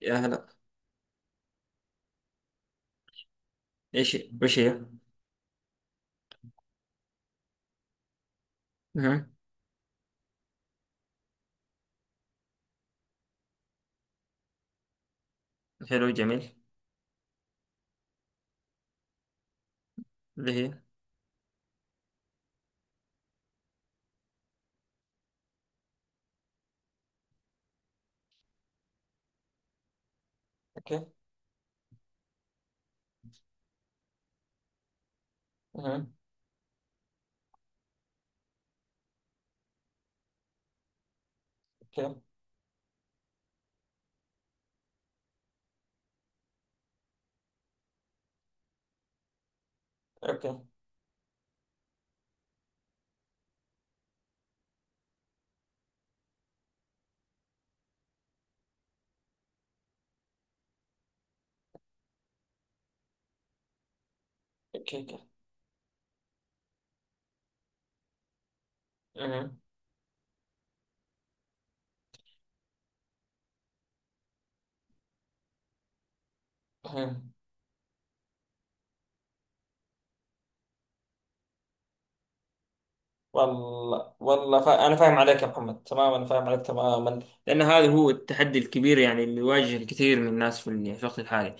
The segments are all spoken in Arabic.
يا هلا. ايش؟ وش هي؟ مهم. حلو جميل. اللي هي اوكي مهم. اوكي، اوكي، اوكي، اوكي. مهم. مهم. والله والله، أنا فاهم عليك يا محمد تماما، فاهم عليك تماما. لأن هذا هو التحدي الكبير يعني اللي يواجه الكثير من الناس في الوقت الحالي،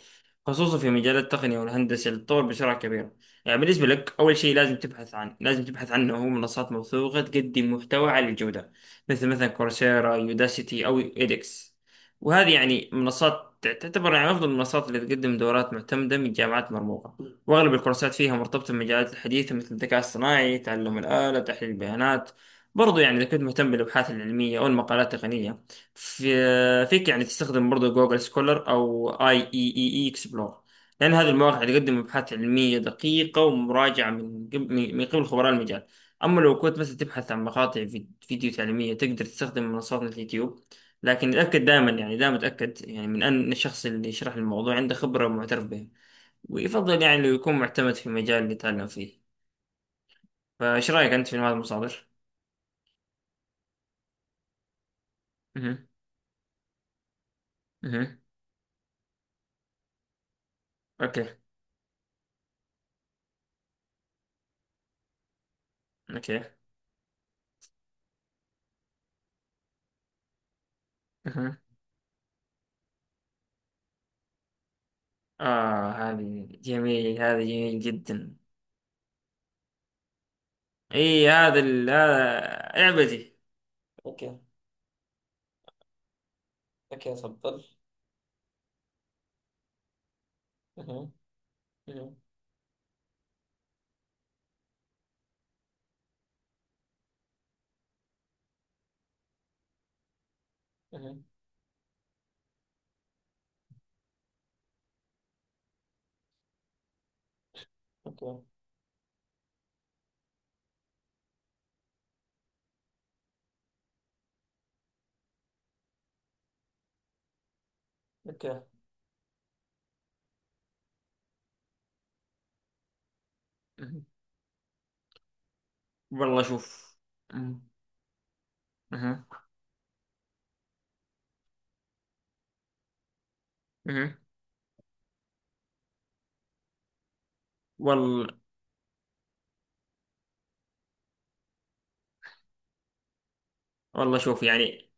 خصوصا في مجال التقنية والهندسة اللي تطور بسرعة كبيرة. يعني بالنسبة لك أول شيء لازم تبحث عنه هو منصات موثوقة تقدم محتوى عالي الجودة، مثل مثلا كورسيرا، يوداسيتي، أو إيدكس. وهذه يعني منصات تعتبر يعني أفضل المنصات اللي تقدم دورات معتمدة من جامعات مرموقة، وأغلب الكورسات فيها مرتبطة بالمجالات الحديثة مثل الذكاء الصناعي، تعلم الآلة، تحليل البيانات. برضو يعني إذا كنت مهتم بالأبحاث العلمية أو المقالات التقنية، فيك يعني تستخدم برضو جوجل سكولر أو IEEE Xplore، لأن هذه المواقع تقدم أبحاث علمية دقيقة ومراجعة من قب- من من قبل خبراء المجال. أما لو كنت مثلا تبحث عن مقاطع فيديو تعليمية، تقدر تستخدم منصات مثل اليوتيوب، لكن اتأكد دائما، يعني دائما اتأكد، يعني من أن الشخص اللي يشرح الموضوع عنده خبرة ومعترف بها، ويفضل يعني لو يكون معتمد في مجال اللي تعلم فيه. فايش رايك انت في المال المصادر؟ اها. اها. اوكي، اوكي. اها. اه، هذه جميل هذا جميل جدا. اي، هذا. اعبدي. اوكي، اوكي، تفضل. اها، اها، اها. اوكي، اوكي. مهم. والله شوف. مهم. مهم. مهم. والله. والله شوف يعني.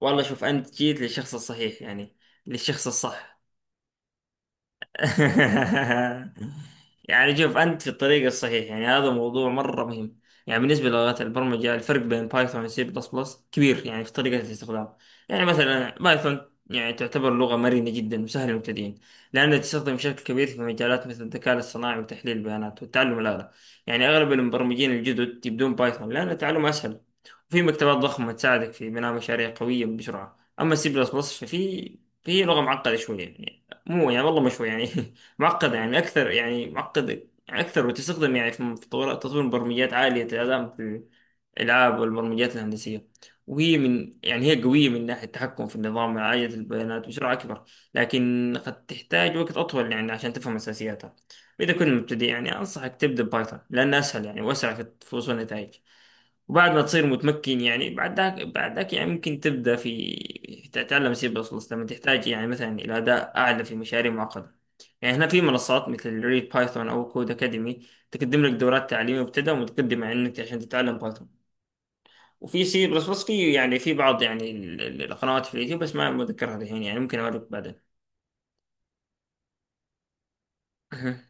والله شوف انت جيت للشخص الصحيح يعني، للشخص الصح. يعني شوف انت في الطريق الصحيح، يعني هذا موضوع مره مهم. يعني بالنسبه للغات البرمجه، الفرق بين بايثون وسي بلس بلس كبير يعني في طريقه الاستخدام. يعني مثلا بايثون يعني تعتبر لغه مرنه جدا وسهله للمبتدئين، لانها تستخدم بشكل كبير في مجالات مثل الذكاء الاصطناعي وتحليل البيانات والتعلم الآلي. يعني اغلب المبرمجين الجدد يبدون بايثون لان التعلم اسهل، وفي مكتبات ضخمه تساعدك في بناء مشاريع قويه بسرعه. اما سي بلس بلس فهي لغه معقده شويه يعني. مو يعني، والله مش هو يعني. معقدة يعني أكثر، يعني معقدة يعني أكثر، وتستخدم يعني في تطوير برمجيات عالية الأداء في الألعاب والبرمجيات الهندسية. وهي من يعني هي قوية من ناحية التحكم في النظام وعالية البيانات بسرعة أكبر، لكن قد تحتاج وقت أطول يعني عشان تفهم أساسياتها. وإذا كنت مبتدئ، يعني أنصحك تبدأ بايثون لأنها أسهل يعني وأسرع في وصول النتائج. وبعد ما تصير متمكن يعني، بعد ذاك يعني ممكن تبدأ في تتعلم سي بلس بلس لما تحتاج يعني مثلا إلى أداء أعلى في مشاريع معقدة. يعني هنا في منصات مثل ريد بايثون أو كود أكاديمي تقدم لك دورات تعليمية مبتدئة ومتقدمة عندك عشان تتعلم بايثون. وفي سي بلس بلس في بعض يعني القنوات في اليوتيوب، بس ما متذكرها الحين، يعني ممكن أوريك بعدين. أها.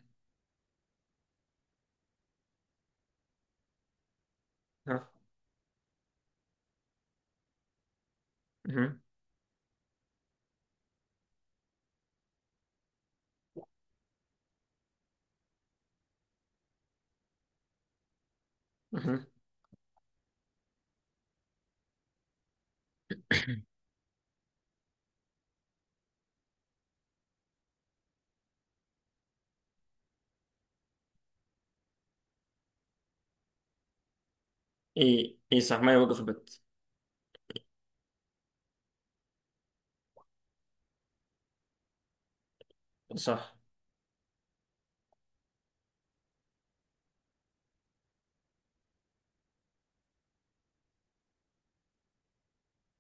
أها. أها. أها. إي، إي، صح، ما يوقف بت. صح.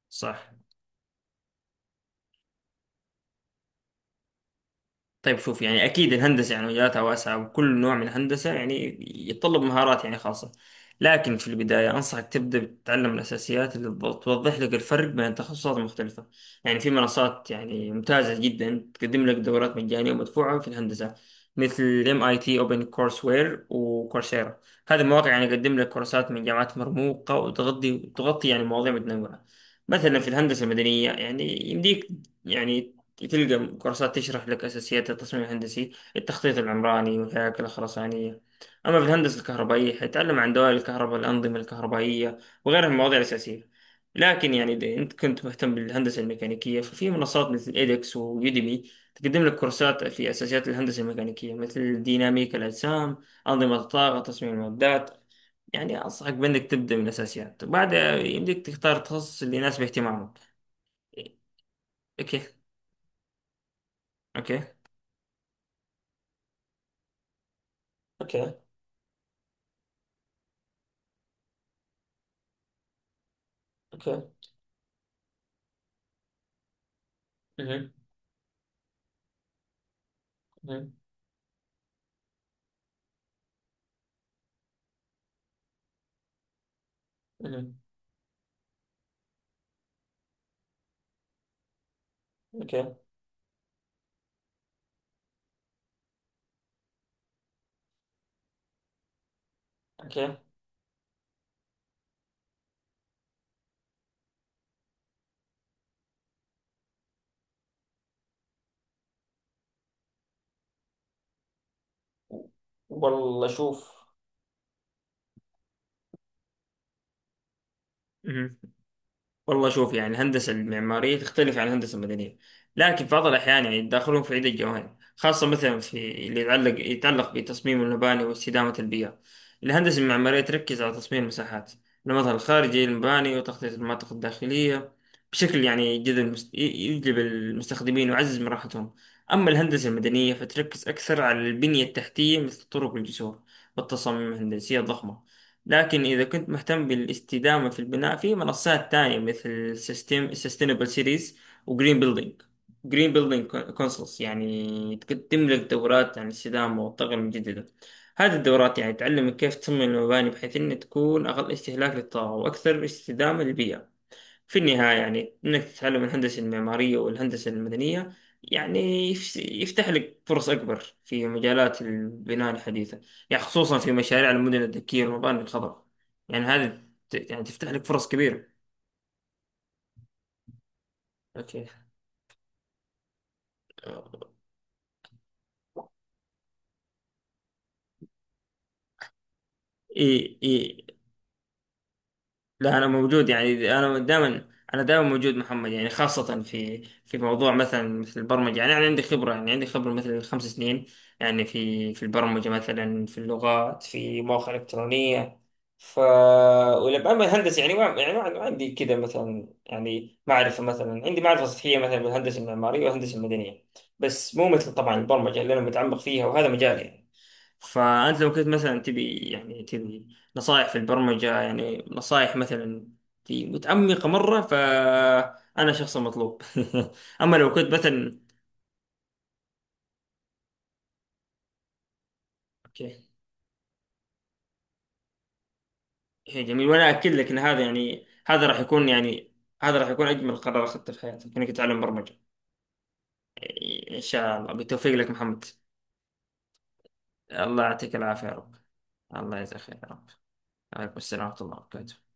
صح. طيب شوف، يعني أكيد الهندسة يعني مجالاتها واسعة، وكل نوع من الهندسة يعني يتطلب مهارات يعني خاصة. لكن في البداية أنصحك تبدأ بتتعلم الأساسيات اللي توضح لك الفرق بين تخصصات مختلفة. يعني في منصات يعني ممتازة جدا تقدم لك دورات مجانية ومدفوعة في الهندسة، مثل MIT، اوبن كورس وير، وكورسيرا. هذه المواقع يعني تقدم لك كورسات من جامعات مرموقة، وتغطي تغطي يعني مواضيع متنوعة. مثلا في الهندسة المدنية يعني يمديك يعني تلقى كورسات تشرح لك أساسيات التصميم الهندسي، التخطيط العمراني، والهياكل الخرسانية. أما في الهندسة الكهربائية، حيتعلم عن دوائر الكهرباء، الأنظمة الكهربائية، وغيرها من المواضيع الأساسية. لكن يعني إذا أنت كنت مهتم بالهندسة الميكانيكية، ففي منصات مثل إيدكس ويوديمي تقدم لك كورسات في أساسيات الهندسة الميكانيكية، مثل ديناميكا الأجسام، أنظمة الطاقة، تصميم المعدات. يعني أنصحك بأنك تبدأ من الأساسيات، وبعدها يمديك تختار التخصص اللي يناسب اهتمامك. أوكي، أوكي، أوكي، أوكي. مهم. مهم. مهم. اوكي، اوكي. والله شوف. مهم. والله شوف يعني الهندسة المعمارية تختلف عن الهندسة المدنية، لكن في بعض الأحيان يعني يتداخلون في عدة جوانب، خاصة مثلا في اللي يتعلق بتصميم المباني واستدامة البيئة. الهندسة المعمارية تركز على تصميم المساحات، المظهر الخارجي للمباني، وتخطيط المناطق الداخلية بشكل يعني يجذب يجلب المستخدمين ويعزز من راحتهم. أما الهندسة المدنية فتركز أكثر على البنية التحتية، مثل الطرق والجسور، والتصاميم الهندسية الضخمة. لكن إذا كنت مهتم بالاستدامة في البناء، في منصات تانية مثل سيستم سستينبل سيتيز، وجرين بيلدينج جرين بيلدينج كونسلز، يعني تملك دورات عن الاستدامة والطاقة المتجددة. هذه الدورات يعني تعلمك كيف تصمم المباني بحيث أن تكون أقل استهلاك للطاقة وأكثر استدامة للبيئة. في النهاية يعني إنك تتعلم الهندسة المعمارية والهندسة المدنية، يعني يفتح لك فرص أكبر في مجالات البناء الحديثة، يعني خصوصا في مشاريع المدن الذكية والمباني الخضراء. يعني هذه يعني تفتح لك فرص كبيرة. أوكي. إي، إي. لا انا موجود، يعني انا دائما موجود محمد، يعني خاصه في موضوع مثلا مثل البرمجه. يعني انا عندي خبره مثل 5 سنين، يعني في البرمجه، مثلا في اللغات، في مواقع الكترونيه، ف ولما الهندسه يعني ما عندي كذا مثلا، يعني معرفه، مثلا عندي معرفه سطحيه مثلا بالهندسه المعماريه والهندسه المدنيه. بس مو مثل طبعا البرمجه اللي انا متعمق فيها، وهذا مجالي يعني. فأنت لو كنت مثلا تبي نصائح في البرمجة، يعني نصائح مثلا في متعمقة مرة، فأنا شخص مطلوب. أما لو كنت مثلا. أوكي. هي جميل، وأنا أكد لك إن هذا راح يكون يعني. هذا راح يكون أجمل قرار أخذته في حياتي إنك تتعلم برمجة. إن شاء الله بالتوفيق لك محمد. الله يعطيك العافية يا رب. الله يجزاك خير يا رب. عليكم السلام ورحمة الله وبركاته.